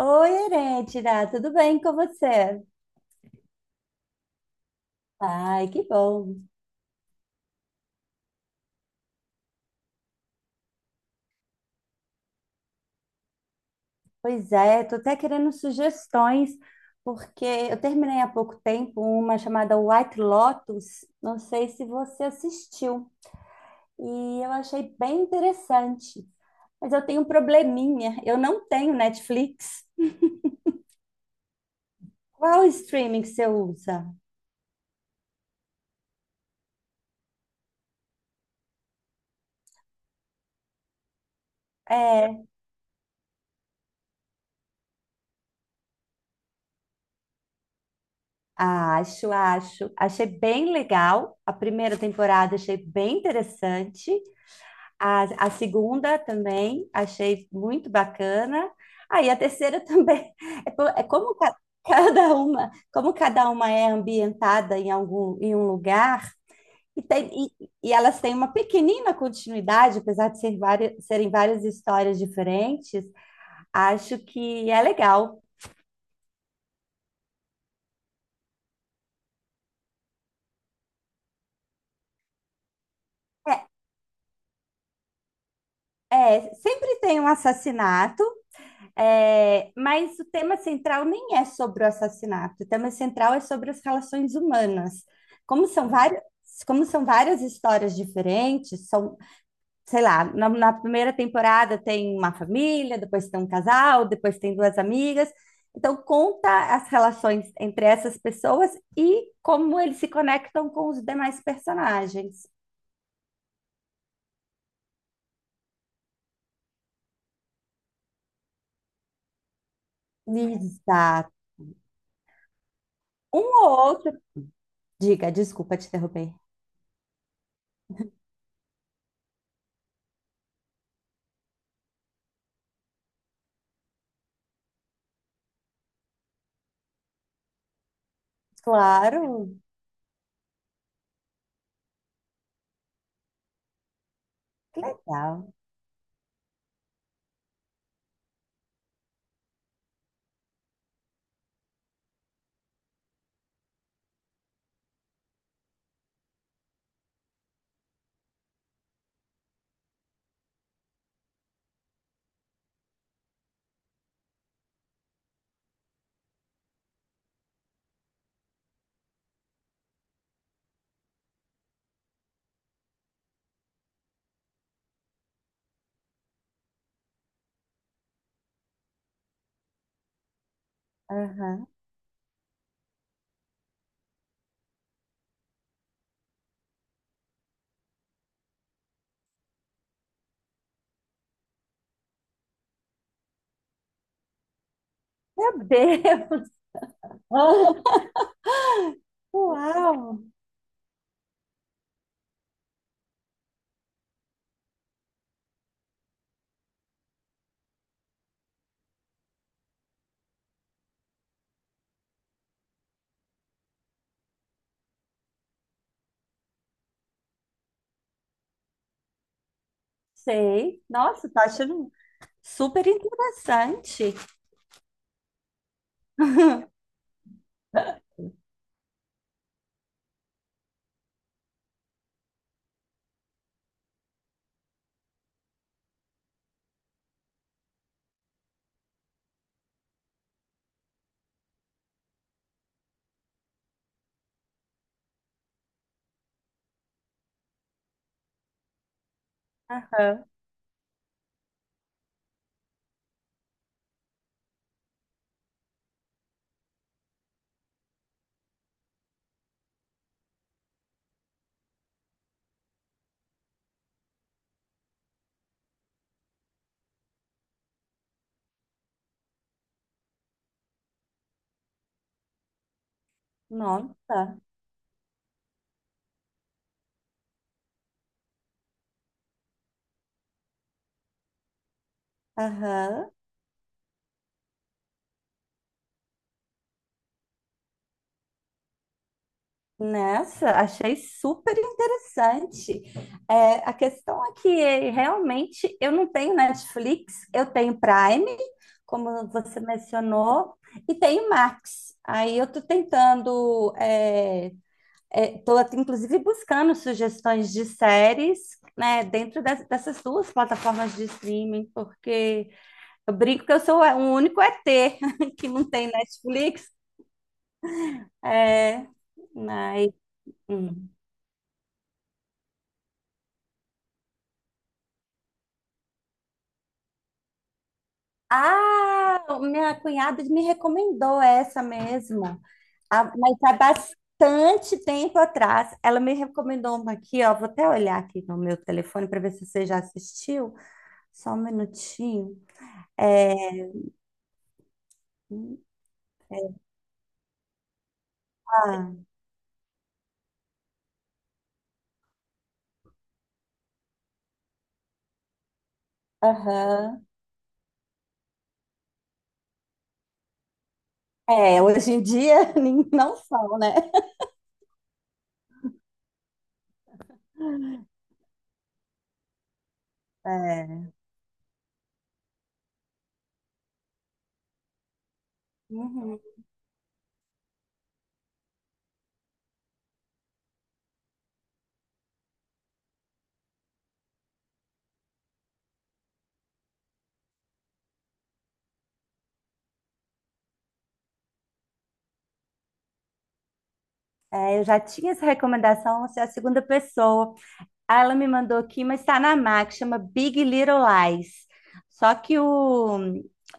Oi, Herêntira, tudo bem com você? Ai, que bom. Pois é, tô até querendo sugestões, porque eu terminei há pouco tempo uma chamada White Lotus, não sei se você assistiu, e eu achei bem interessante. Mas eu tenho um probleminha, eu não tenho Netflix. Qual streaming que você usa? É, acho, acho. Achei bem legal. A primeira temporada achei bem interessante. A segunda também achei muito bacana. Aí a terceira também. É, é como cada uma, como cada uma é ambientada em algum, em um lugar, e, tem, e elas têm uma pequenina continuidade, apesar de ser várias, serem várias histórias diferentes, acho que é legal. É, é, sempre tem um assassinato. É, mas o tema central nem é sobre o assassinato, o tema central é sobre as relações humanas. Como são várias, como são várias histórias diferentes, são, sei lá, na primeira temporada tem uma família, depois tem um casal, depois tem duas amigas. Então, conta as relações entre essas pessoas e como eles se conectam com os demais personagens. Exato. Um ou outro. Diga, desculpa te interromper. Claro, que legal. Aham. Meu Deus! Uau! Sei. Nossa, tá achando super interessante. Aham. Nossa. Aham. Nessa, achei super interessante. É, a questão é que realmente eu não tenho Netflix, eu tenho Prime, como você mencionou, e tenho Max. Aí eu tô tentando, estou até inclusive buscando sugestões de séries, né, dentro dessas duas plataformas de streaming, porque eu brinco que eu sou o único ET que não tem Netflix. É, mas, hum. Ah, minha cunhada me recomendou essa mesmo. Ah, mas há bastante tempo atrás. Ela me recomendou uma aqui, ó. Vou até olhar aqui no meu telefone para ver se você já assistiu. Só um minutinho. É, ah, Aham. É, hoje em dia não são, né? É. Uhum. É, eu já tinha essa recomendação, você é a segunda pessoa. Aí ela me mandou aqui, mas está na Max, chama Big Little Lies. Só que o,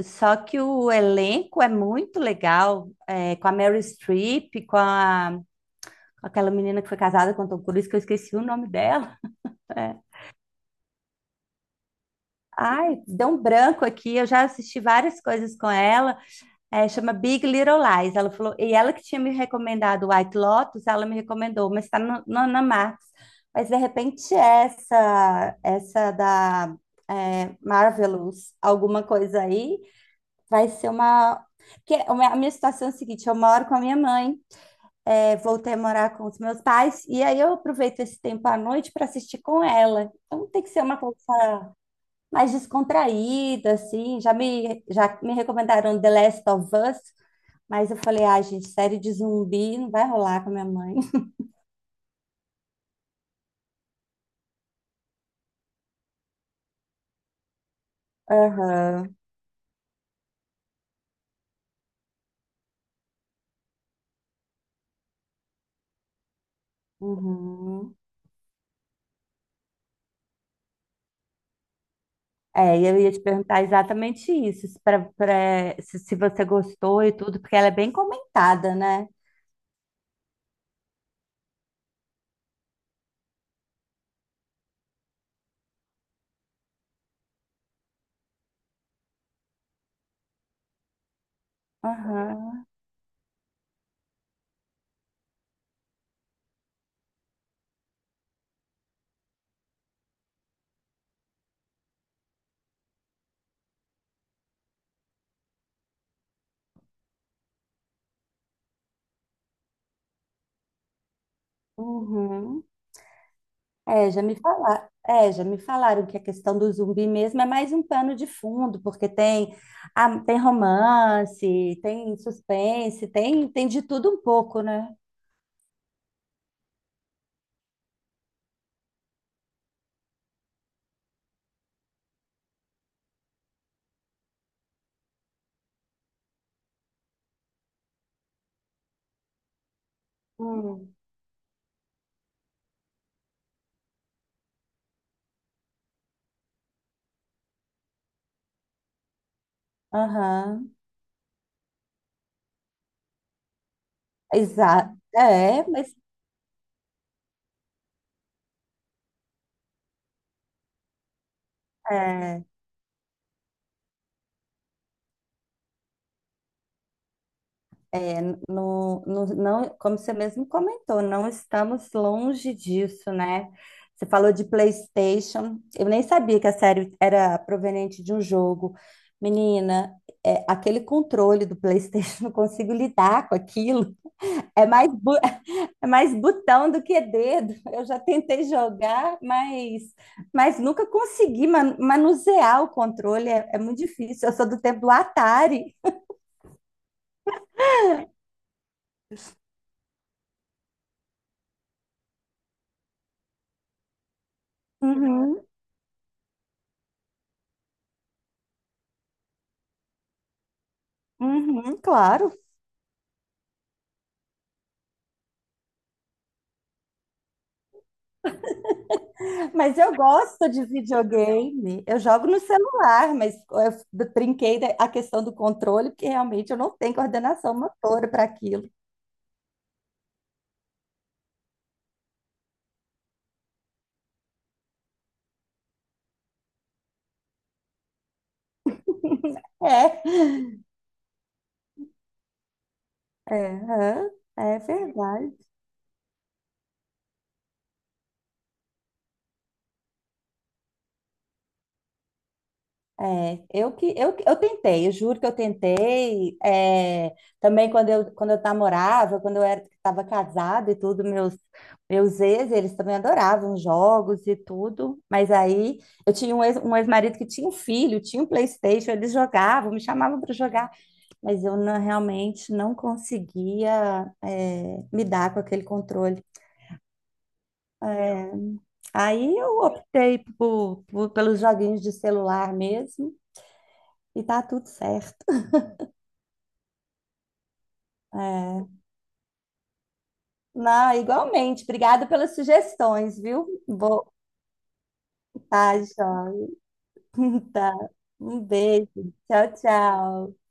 só que o elenco é muito legal, é, com a Meryl Streep, com aquela menina que foi casada com o Tom Cruise, que eu esqueci o nome dela. É. Ai, deu um branco aqui, eu já assisti várias coisas com ela. É, chama Big Little Lies. Ela falou, e ela que tinha me recomendado White Lotus, ela me recomendou, mas está no, no, na Max. Mas de repente essa, essa da é, Marvelous, alguma coisa aí, vai ser uma. Porque a minha situação é a seguinte: eu moro com a minha mãe, é, voltei a morar com os meus pais, e aí eu aproveito esse tempo à noite para assistir com ela. Então tem que ser uma coisa mais descontraída, assim. Já me recomendaram The Last of Us. Mas eu falei, ah, gente, série de zumbi não vai rolar com a minha mãe. Aham, uhum. É, e eu ia te perguntar exatamente isso, se, se, se você gostou e tudo, porque ela é bem comentada, né? Aham, uhum. É, já me falaram que a questão do zumbi mesmo é mais um pano de fundo, porque tem, ah, tem romance, tem suspense, tem, tem de tudo um pouco, né? Hum. Aham. Exato. É, mas é. Não, como você mesmo comentou, não estamos longe disso, né? Você falou de PlayStation. Eu nem sabia que a série era proveniente de um jogo. Menina, é, aquele controle do PlayStation, não consigo lidar com aquilo. É mais, bu- é mais botão do que dedo. Eu já tentei jogar, mas nunca consegui manusear o controle. É, é muito difícil. Eu sou do tempo do Atari. Uhum, uhum, claro. Mas eu gosto de videogame. Eu jogo no celular, mas eu a questão do controle, porque realmente eu não tenho coordenação motora para aquilo. É, é, aham, é verdade. É, eu tentei, eu juro que eu tentei. É, também quando eu namorava, quando eu era estava casada e tudo, meus ex, eles também adoravam jogos e tudo. Mas aí eu tinha um ex, um ex-marido que tinha um filho, tinha um PlayStation, eles jogavam, me chamavam para jogar, mas eu não- realmente não conseguia é, me dar com aquele controle. É, aí eu optei pelos joguinhos de celular mesmo e tá tudo certo. É. Não, igualmente. Obrigada pelas sugestões, viu? Vou. Tá, Jó. Tá. Um beijo. Tchau, tchau.